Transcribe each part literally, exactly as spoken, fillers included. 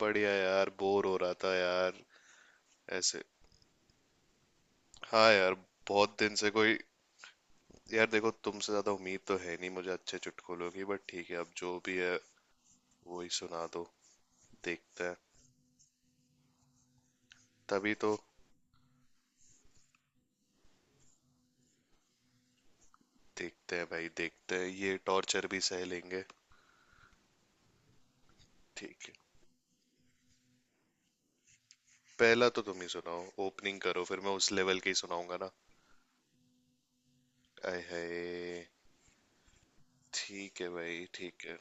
बढ़िया यार, बोर हो रहा था यार। ऐसे। हाँ यार। बहुत दिन से कोई। यार देखो, तुमसे ज्यादा उम्मीद तो है नहीं मुझे अच्छे चुटकुलों की, बट ठीक है, अब जो भी है वही सुना दो। देखते हैं। तभी तो। देखते हैं भाई, देखते हैं, ये टॉर्चर भी सह लेंगे। ठीक है। पहला तो तुम ही सुनाओ, ओपनिंग करो, फिर मैं उस लेवल के ही सुनाऊंगा ना। आय हाय। ठीक है भाई, ठीक है।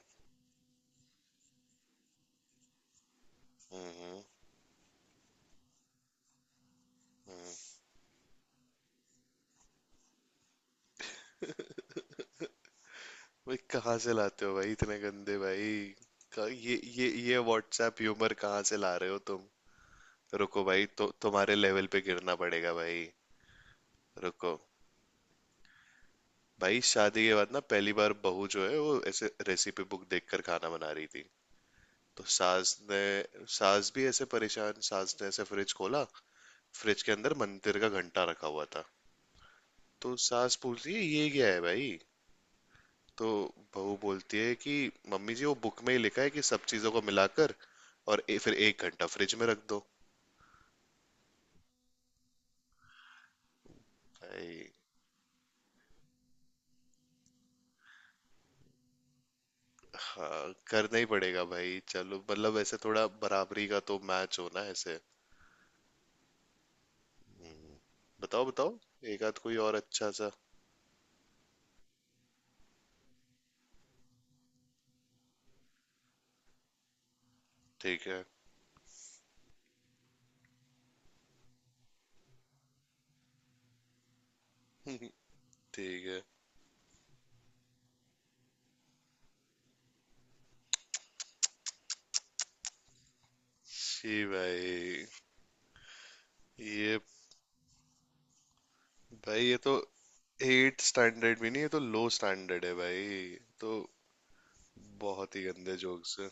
हम्म, हम्म। हम्म। भाई कहाँ से लाते हो भाई, इतने गंदे भाई। क- ये ये ये व्हाट्सएप ह्यूमर कहाँ से ला रहे हो तुम। रुको भाई, तो तुम्हारे लेवल पे गिरना पड़ेगा भाई। रुको। भाई शादी के बाद ना, पहली बार बहू जो है वो ऐसे रेसिपी बुक देखकर खाना बना रही थी। तो सास ने, सास भी ऐसे परेशान, सास ने ऐसे फ्रिज खोला। फ्रिज के अंदर मंदिर का घंटा रखा हुआ था। तो सास पूछती है ये क्या है भाई। तो बहू बोलती है कि मम्मी जी वो बुक में ही लिखा है कि सब चीजों को मिलाकर और ए, फिर एक घंटा फ्रिज में रख दो। भाई। हाँ, करना ही पड़ेगा भाई, चलो, मतलब ऐसे थोड़ा बराबरी का तो मैच होना है ऐसे। हम्म, बताओ बताओ, एक आध कोई और अच्छा सा। ठीक है। ठीक है। जी भाई। ये भाई, ये तो एट स्टैंडर्ड भी नहीं, ये तो लो स्टैंडर्ड है भाई। तो बहुत ही गंदे जोक्स।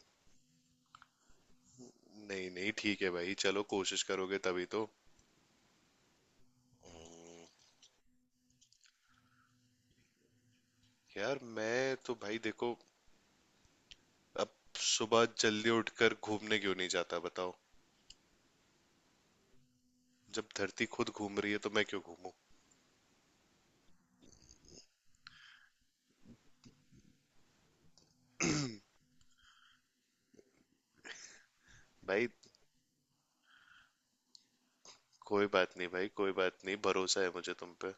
नहीं नहीं, ठीक है भाई, चलो, कोशिश करोगे तभी तो। यार मैं तो भाई देखो, अब सुबह जल्दी उठकर घूमने क्यों नहीं जाता बताओ। जब धरती खुद घूम रही है तो मैं क्यों घूमूं। भाई कोई बात नहीं भाई, कोई बात नहीं, भरोसा है मुझे तुम पे।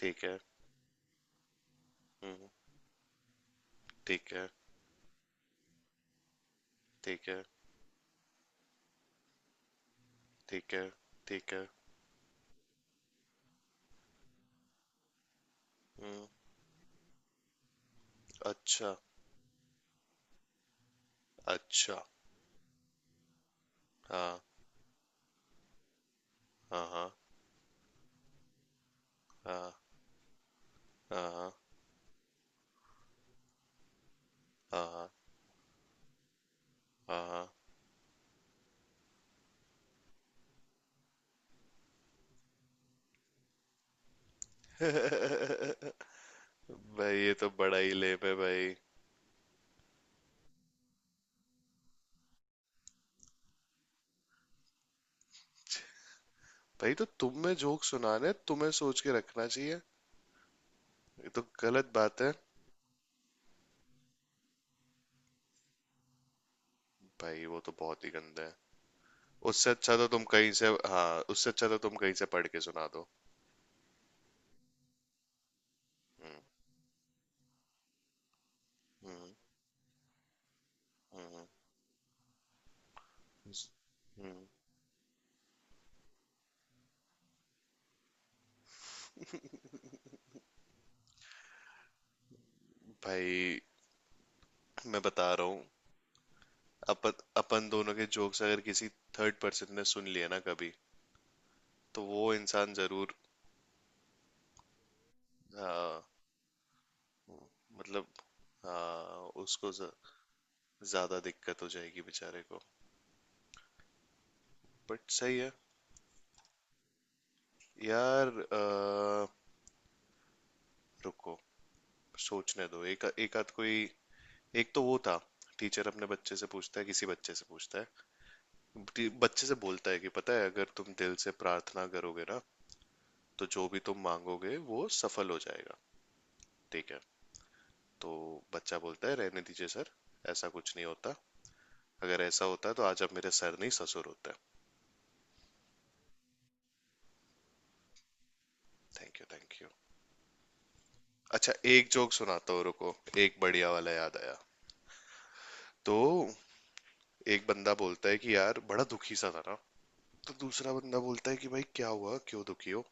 ठीक है। हम्म। ठीक है। ठीक है। ठीक है। ठीक है। हम्म। अच्छा। अच्छा। हाँ, हाँ, हाँ, हाँ, हाँ, हाँ, हाँ, हाँ। भाई ये तो बड़ा ही लेप है भाई। भाई, तो तुम्हें जोक सुनाने तुम्हें सोच के रखना चाहिए। ये तो गलत बात है। भाई वो तो बहुत ही गंदा है। उससे अच्छा तो तुम कहीं से, हाँ, उससे अच्छा तो तुम कहीं से पढ़ के सुना दो। हम्म, हम्म, हम्म, हम्म। हम्म। भाई मैं बता रहा हूँ, अपन अपन दोनों के जोक्स अगर किसी थर्ड पर्सन ने सुन लिए ना कभी, तो वो इंसान जरूर, हाँ, मतलब, हाँ, उसको ज- ज्यादा दिक्कत हो जाएगी बेचारे को। बट सही है। यार अ, रुको, सोचने दो, एक एक आध कोई। एक तो वो था, टीचर अपने बच्चे से पूछता है, किसी बच्चे से पूछता है, टी- बच्चे से बोलता है कि पता है, अगर तुम दिल से प्रार्थना करोगे ना तो जो भी तुम मांगोगे वो सफल हो जाएगा। ठीक है। तो बच्चा बोलता है रहने दीजिए सर, ऐसा कुछ नहीं होता, अगर ऐसा होता तो आज आप मेरे सर नहीं ससुर होते। Thank you, thank you. अच्छा, एक जोक सुनाता हूँ, रुको, एक बढ़िया वाला याद आया। तो एक बंदा बोलता है कि यार बड़ा दुखी सा था ना, तो दूसरा बंदा बोलता है कि भाई क्या हुआ, क्यों दुखी हो।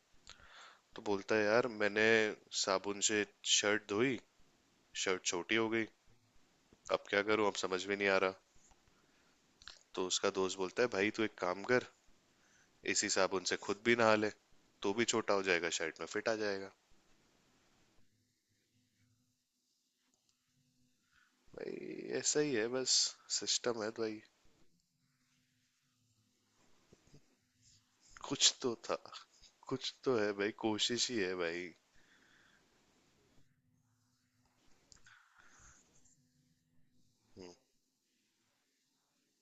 तो बोलता है यार मैंने साबुन से शर्ट धोई, शर्ट छोटी हो गई, अब क्या करूं, अब समझ में नहीं आ रहा। तो उसका दोस्त बोलता है भाई तू एक काम कर, इसी साबुन से खुद भी नहा ले, तो भी छोटा हो जाएगा, शर्ट में फिट आ जाएगा। भाई ऐसा ही है बस, सिस्टम है भाई। कुछ तो था, कुछ तो है भाई, कोशिश ही है भाई। हम्म,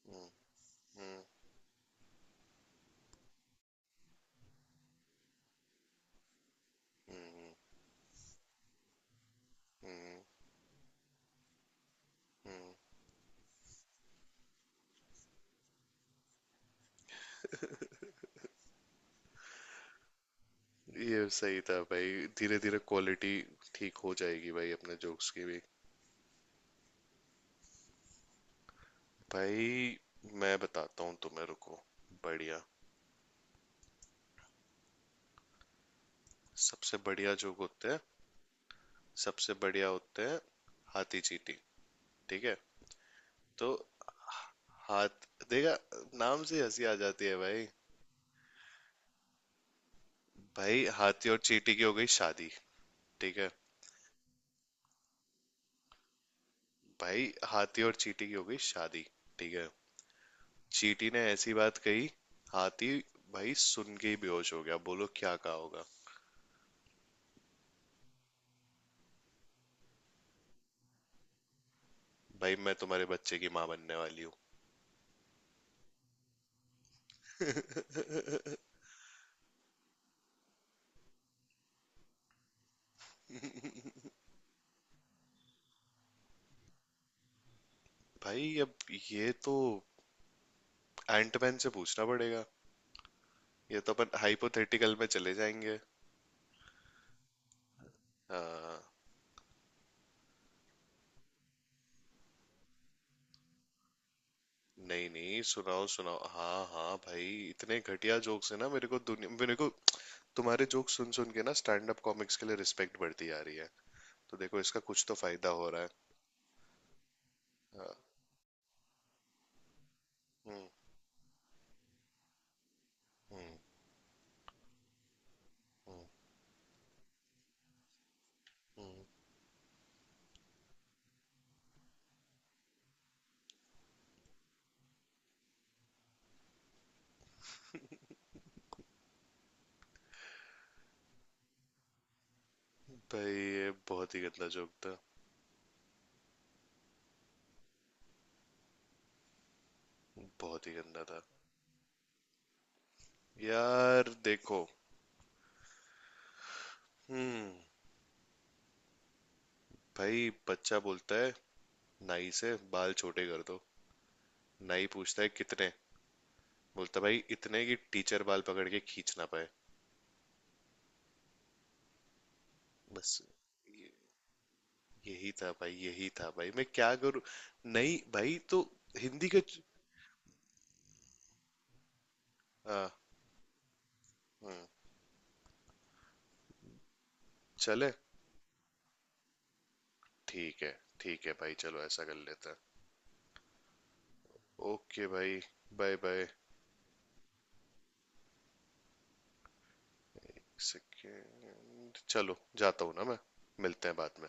हम्म, हम्म, हम्म, हम्म, हम्म। ये सही था भाई, धीरे धीरे क्वालिटी ठीक हो जाएगी भाई, अपने जोक्स की भी। भाई मैं बताता हूँ तुम्हें, रुको, बढ़िया, सबसे बढ़िया जोक होते हैं, सबसे बढ़िया होते हैं, हाथी चींटी। ठीक है। तो हाथ देखा, नाम से हंसी आ जाती है भाई। भाई हाथी और चींटी की हो गई शादी। ठीक है। भाई हाथी और चींटी की हो गई शादी। ठीक है। चींटी ने ऐसी बात कही, हाथी भाई सुन के ही बेहोश हो गया, बोलो क्या कहा होगा। भाई मैं तुम्हारे बच्चे की माँ बनने वाली हूँ। भाई अब ये तो एंटमैन से पूछना पड़ेगा, ये तो अपन हाइपोथेटिकल में चले जाएंगे। हाँ। नहीं नहीं, सुनाओ सुनाओ, हाँ हाँ भाई। इतने घटिया जोक्स है ना, मेरे को दुनिया, मेरे को तुम्हारे जोक्स सुन सुन के ना स्टैंड अप कॉमिक्स के लिए रिस्पेक्ट बढ़ती आ रही है। तो देखो, इसका कुछ तो फायदा हो रहा है। हाँ, हम्म, हम्म, हम्म, हम्म। भाई ये बहुत ही गंदा जोक था, बहुत ही गंदा था। यार देखो। हम्म। भाई बच्चा बोलता है नाई से, बाल छोटे कर दो, नाई पूछता है कितने, बोलता भाई इतने कि टीचर बाल पकड़ के खींच ना पाए। बस, यही था भाई, यही था भाई, मैं क्या करूं। नहीं भाई, तो हिंदी के, हाँ, हम्म, चले। ठीक है। ठीक है भाई, चलो, ऐसा कर लेते हैं। ओके भाई, बाय बाय। सेकेंड। चलो, जाता हूँ ना मैं, मिलते हैं बाद में।